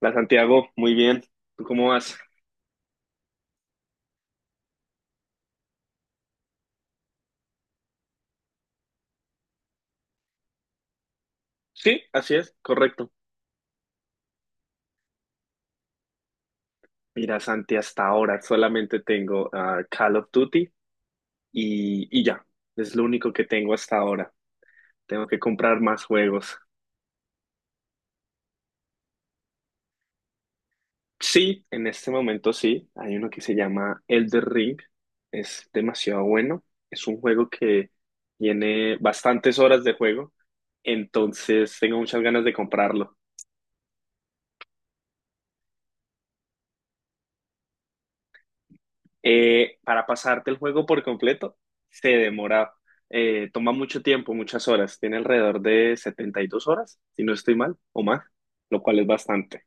Hola Santiago, muy bien. ¿Tú cómo vas? Sí, así es, correcto. Mira, Santi, hasta ahora solamente tengo Call of Duty y ya. Es lo único que tengo hasta ahora. Tengo que comprar más juegos. Sí, en este momento sí. Hay uno que se llama Elder Ring. Es demasiado bueno. Es un juego que tiene bastantes horas de juego. Entonces tengo muchas ganas de comprarlo. Para pasarte el juego por completo, se demora, toma mucho tiempo, muchas horas, tiene alrededor de 72 horas, si no estoy mal, o más, lo cual es bastante.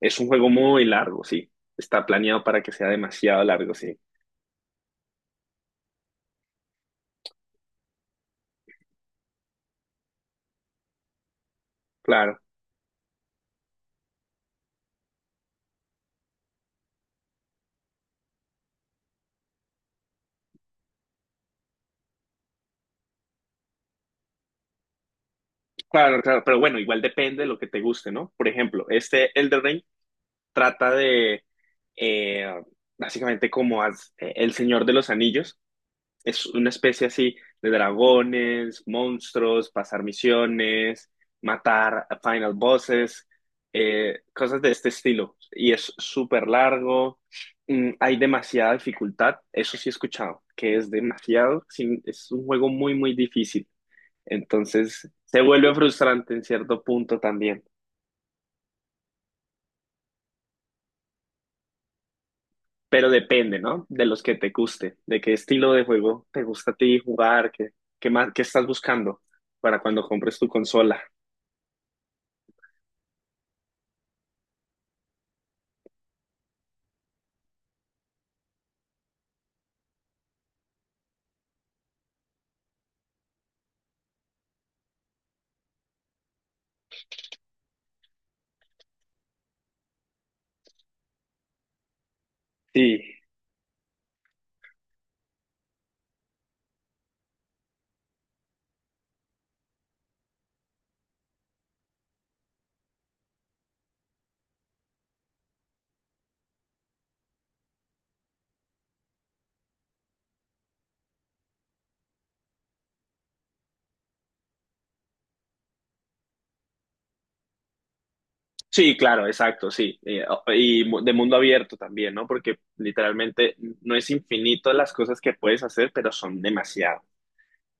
Es un juego muy largo, sí, está planeado para que sea demasiado largo, sí. Claro, claro, claro, pero bueno, igual depende de lo que te guste, ¿no? Por ejemplo, este Elden Ring trata de, eh, básicamente como el Señor de los Anillos, es una especie así de dragones, monstruos, pasar misiones, matar a final bosses, cosas de este estilo. Y es súper largo, mm, hay demasiada dificultad, eso sí he escuchado, que es demasiado, sí, es un juego muy, muy difícil. Entonces se vuelve frustrante en cierto punto también. Pero depende, ¿no? De los que te guste, de qué estilo de juego te gusta a ti jugar, qué, qué más, qué estás buscando para cuando compres tu consola. Sí, sí, claro, exacto, sí. Y, de mundo abierto también, ¿no? Porque literalmente no es infinito las cosas que puedes hacer, pero son demasiado.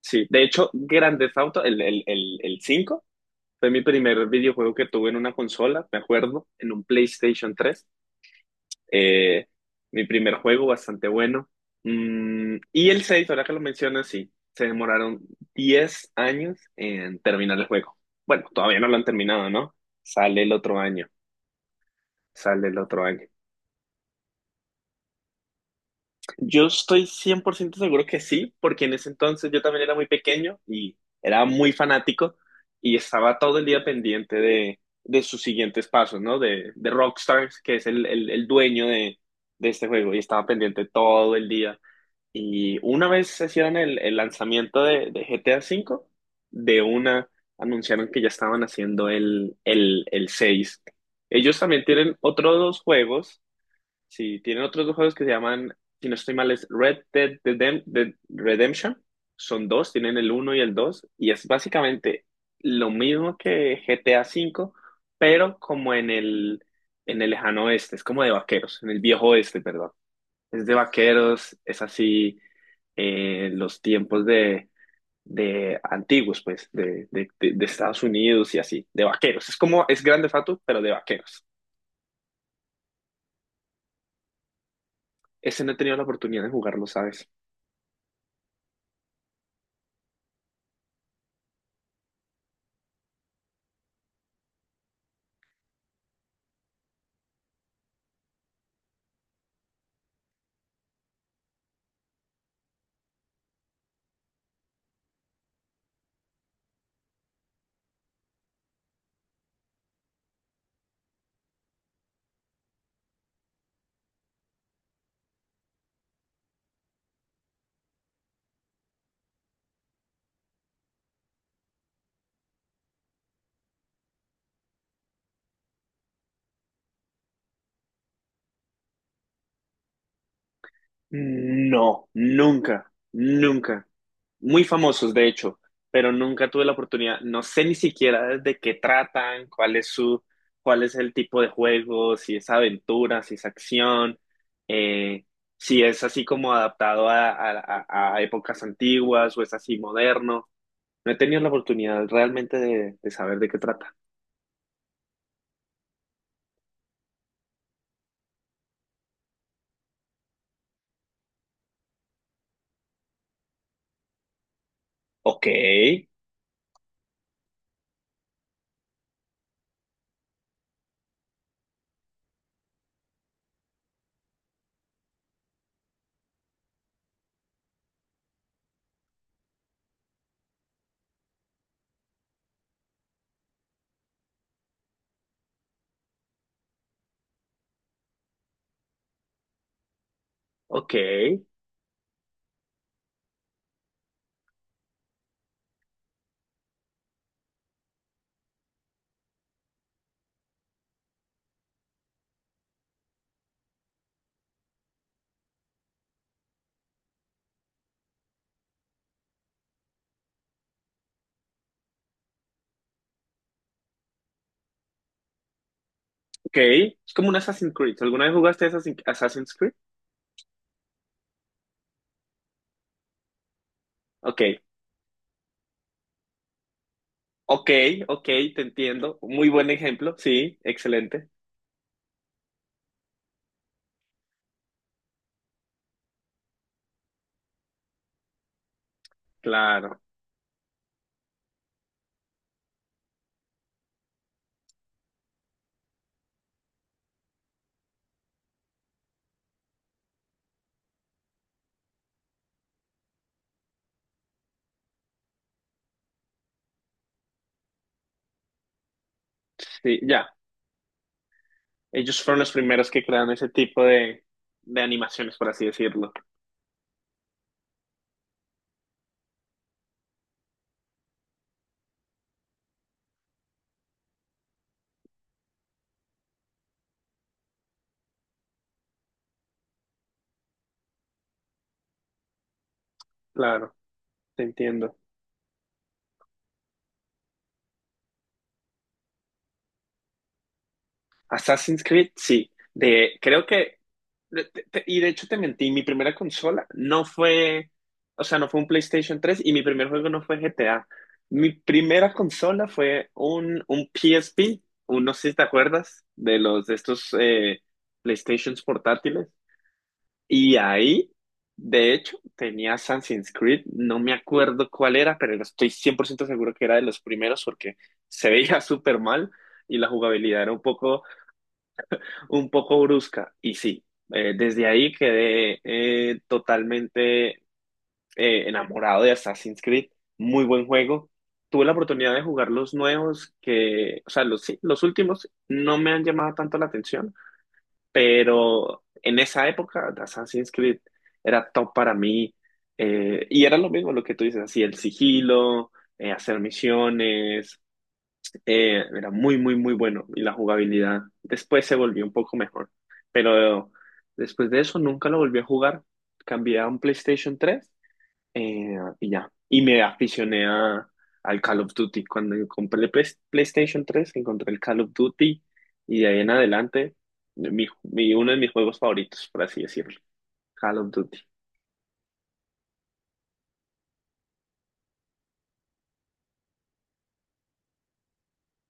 Sí, de hecho, Grand Theft Auto, el 5 fue mi primer videojuego que tuve en una consola, me acuerdo, en un PlayStation tres. Eh, Mi primer juego, bastante bueno. Mm, y el seis, ahora que lo mencionas, sí, se demoraron 10 años en terminar el juego. Bueno, todavía no lo han terminado, ¿no? Sale el otro año. sale el otro año. Yo estoy 100% seguro que sí, porque en ese entonces yo también era muy pequeño y era muy fanático y estaba todo el día pendiente de sus siguientes pasos, ¿no? De Rockstars, que es el dueño de este juego, y estaba pendiente todo el día. Y una vez se hicieron el lanzamiento de GTA V, de una anunciaron que ya estaban haciendo el seis. Ellos también tienen otros dos juegos. Sí, tienen otros dos juegos que se llaman, si no estoy mal, es Dead Redemption. Son dos, tienen el uno y el 2, y es básicamente lo mismo que GTA V, pero como en el lejano oeste, es como de vaqueros, en el viejo oeste, perdón. Es de vaqueros, es así, los tiempos de antiguos, pues, de Estados Unidos y así, de vaqueros. Es como, es grande Theft Auto, pero de vaqueros. Ese no he tenido la oportunidad de jugarlo, ¿sabes? No, nunca, nunca. Muy famosos, de hecho, pero nunca tuve la oportunidad. No sé ni siquiera de qué tratan, cuál es su, cuál es el tipo de juego, si es aventura, si es acción, eh, si es así como adaptado a épocas antiguas o es así moderno. No he tenido la oportunidad realmente de saber de qué trata. Ok, ok, ok. Es como un Assassin's Creed. ¿Alguna vez jugaste Assassin's Creed? Ok. Ok, ok, te entiendo. Muy buen ejemplo, sí, excelente. Claro, sí, ya. Ellos fueron los primeros que crearon ese tipo de animaciones, por así decirlo. Claro, te entiendo. Assassin's Creed, sí. De, creo que, y de hecho te mentí, mi primera consola no fue, o sea, no fue un PlayStation tres y mi primer juego no fue GTA. Mi primera consola fue un PSP, un, no sé si te acuerdas, de los de estos PlayStations portátiles. Y ahí, de hecho, tenía Assassin's Creed, no me acuerdo cuál era, pero estoy 100% seguro que era de los primeros porque se veía súper mal y la jugabilidad era un poco brusca. Y sí, desde ahí quedé totalmente enamorado de Assassin's Creed, muy buen juego. Tuve la oportunidad de jugar los nuevos que, o sea, los, sí, los últimos no me han llamado tanto la atención, pero en esa época Assassin's Creed era top para mí y era lo mismo lo que tú dices, así el sigilo, hacer misiones, era muy, muy, muy bueno y la jugabilidad después se volvió un poco mejor, pero después de eso nunca lo volví a jugar, cambié a un PlayStation tres y ya. Y me aficioné a, al Call of Duty. Cuando compré el PlayStation 3, encontré el Call of Duty y de ahí en adelante, uno de mis juegos favoritos, por así decirlo. Call of Duty.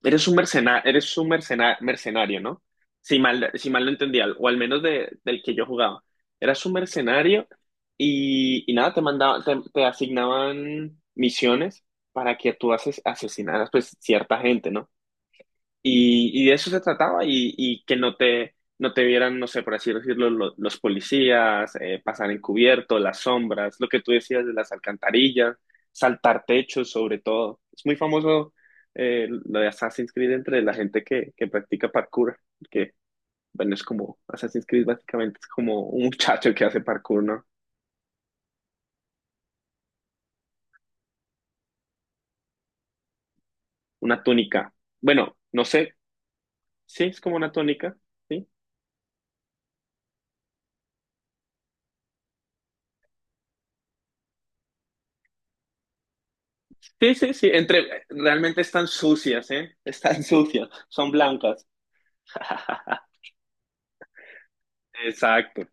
Eres un eres un mercenario, ¿no? Si mal, si mal lo entendía, o al menos de, del que yo jugaba. Eras un mercenario y nada, te mandaban, te asignaban misiones para que tú asesinaras pues cierta gente, ¿no? Y de eso se trataba y que no te, no te vieran, no sé, por así decirlo, los policías, pasar encubierto, las sombras, lo que tú decías de las alcantarillas, saltar techos sobre todo. Es muy famoso lo de Assassin's Creed entre la gente que practica parkour, que, bueno, es como Assassin's Creed básicamente, es como un muchacho que hace parkour, ¿no? Una túnica. Bueno, no sé, sí, es como una túnica, ¿sí? Sí, sí, sí, entre, realmente están sucias, ¿eh? Están sucias, son blancas. Exacto.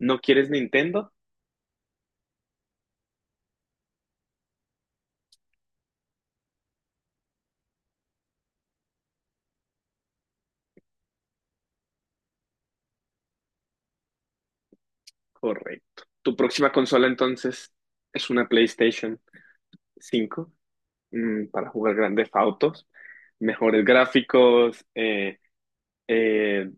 ¿No quieres Nintendo? Correcto. ¿Tu próxima consola entonces es una PlayStation cinco mm, para jugar grandes autos, mejores gráficos, eh,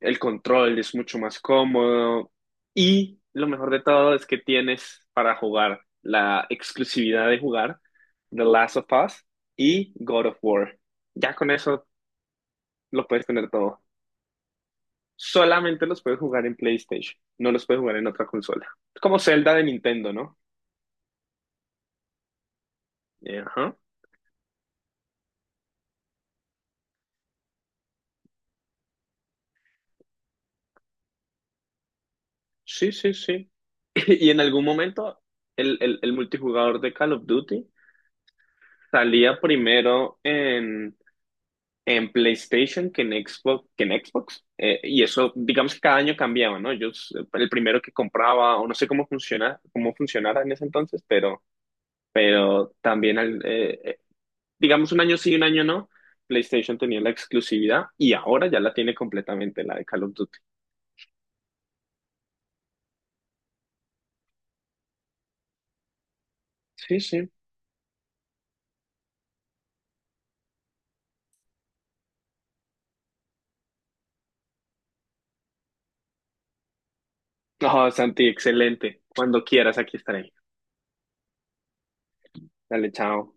el control es mucho más cómodo y lo mejor de todo es que tienes para jugar la exclusividad de jugar The Last of Us y God of War? Ya con eso lo puedes tener todo. Solamente los puedes jugar en PlayStation, no los puedes jugar en otra consola. Como Zelda de Nintendo, ¿no? Ajá. Sí, sí, sí. Y en algún momento el multijugador de Call of Duty salía primero en PlayStation que en Xbox, Y eso, digamos que cada año cambiaba, ¿no? El primero que compraba, o no sé cómo funciona, cómo funcionara en ese entonces, pero también, digamos, un año sí, un año no, PlayStation tenía la exclusividad y ahora ya la tiene completamente, la de Call of Duty. Sí, sí. No, Santi, excelente. Cuando quieras, aquí estaré. Dale, chao.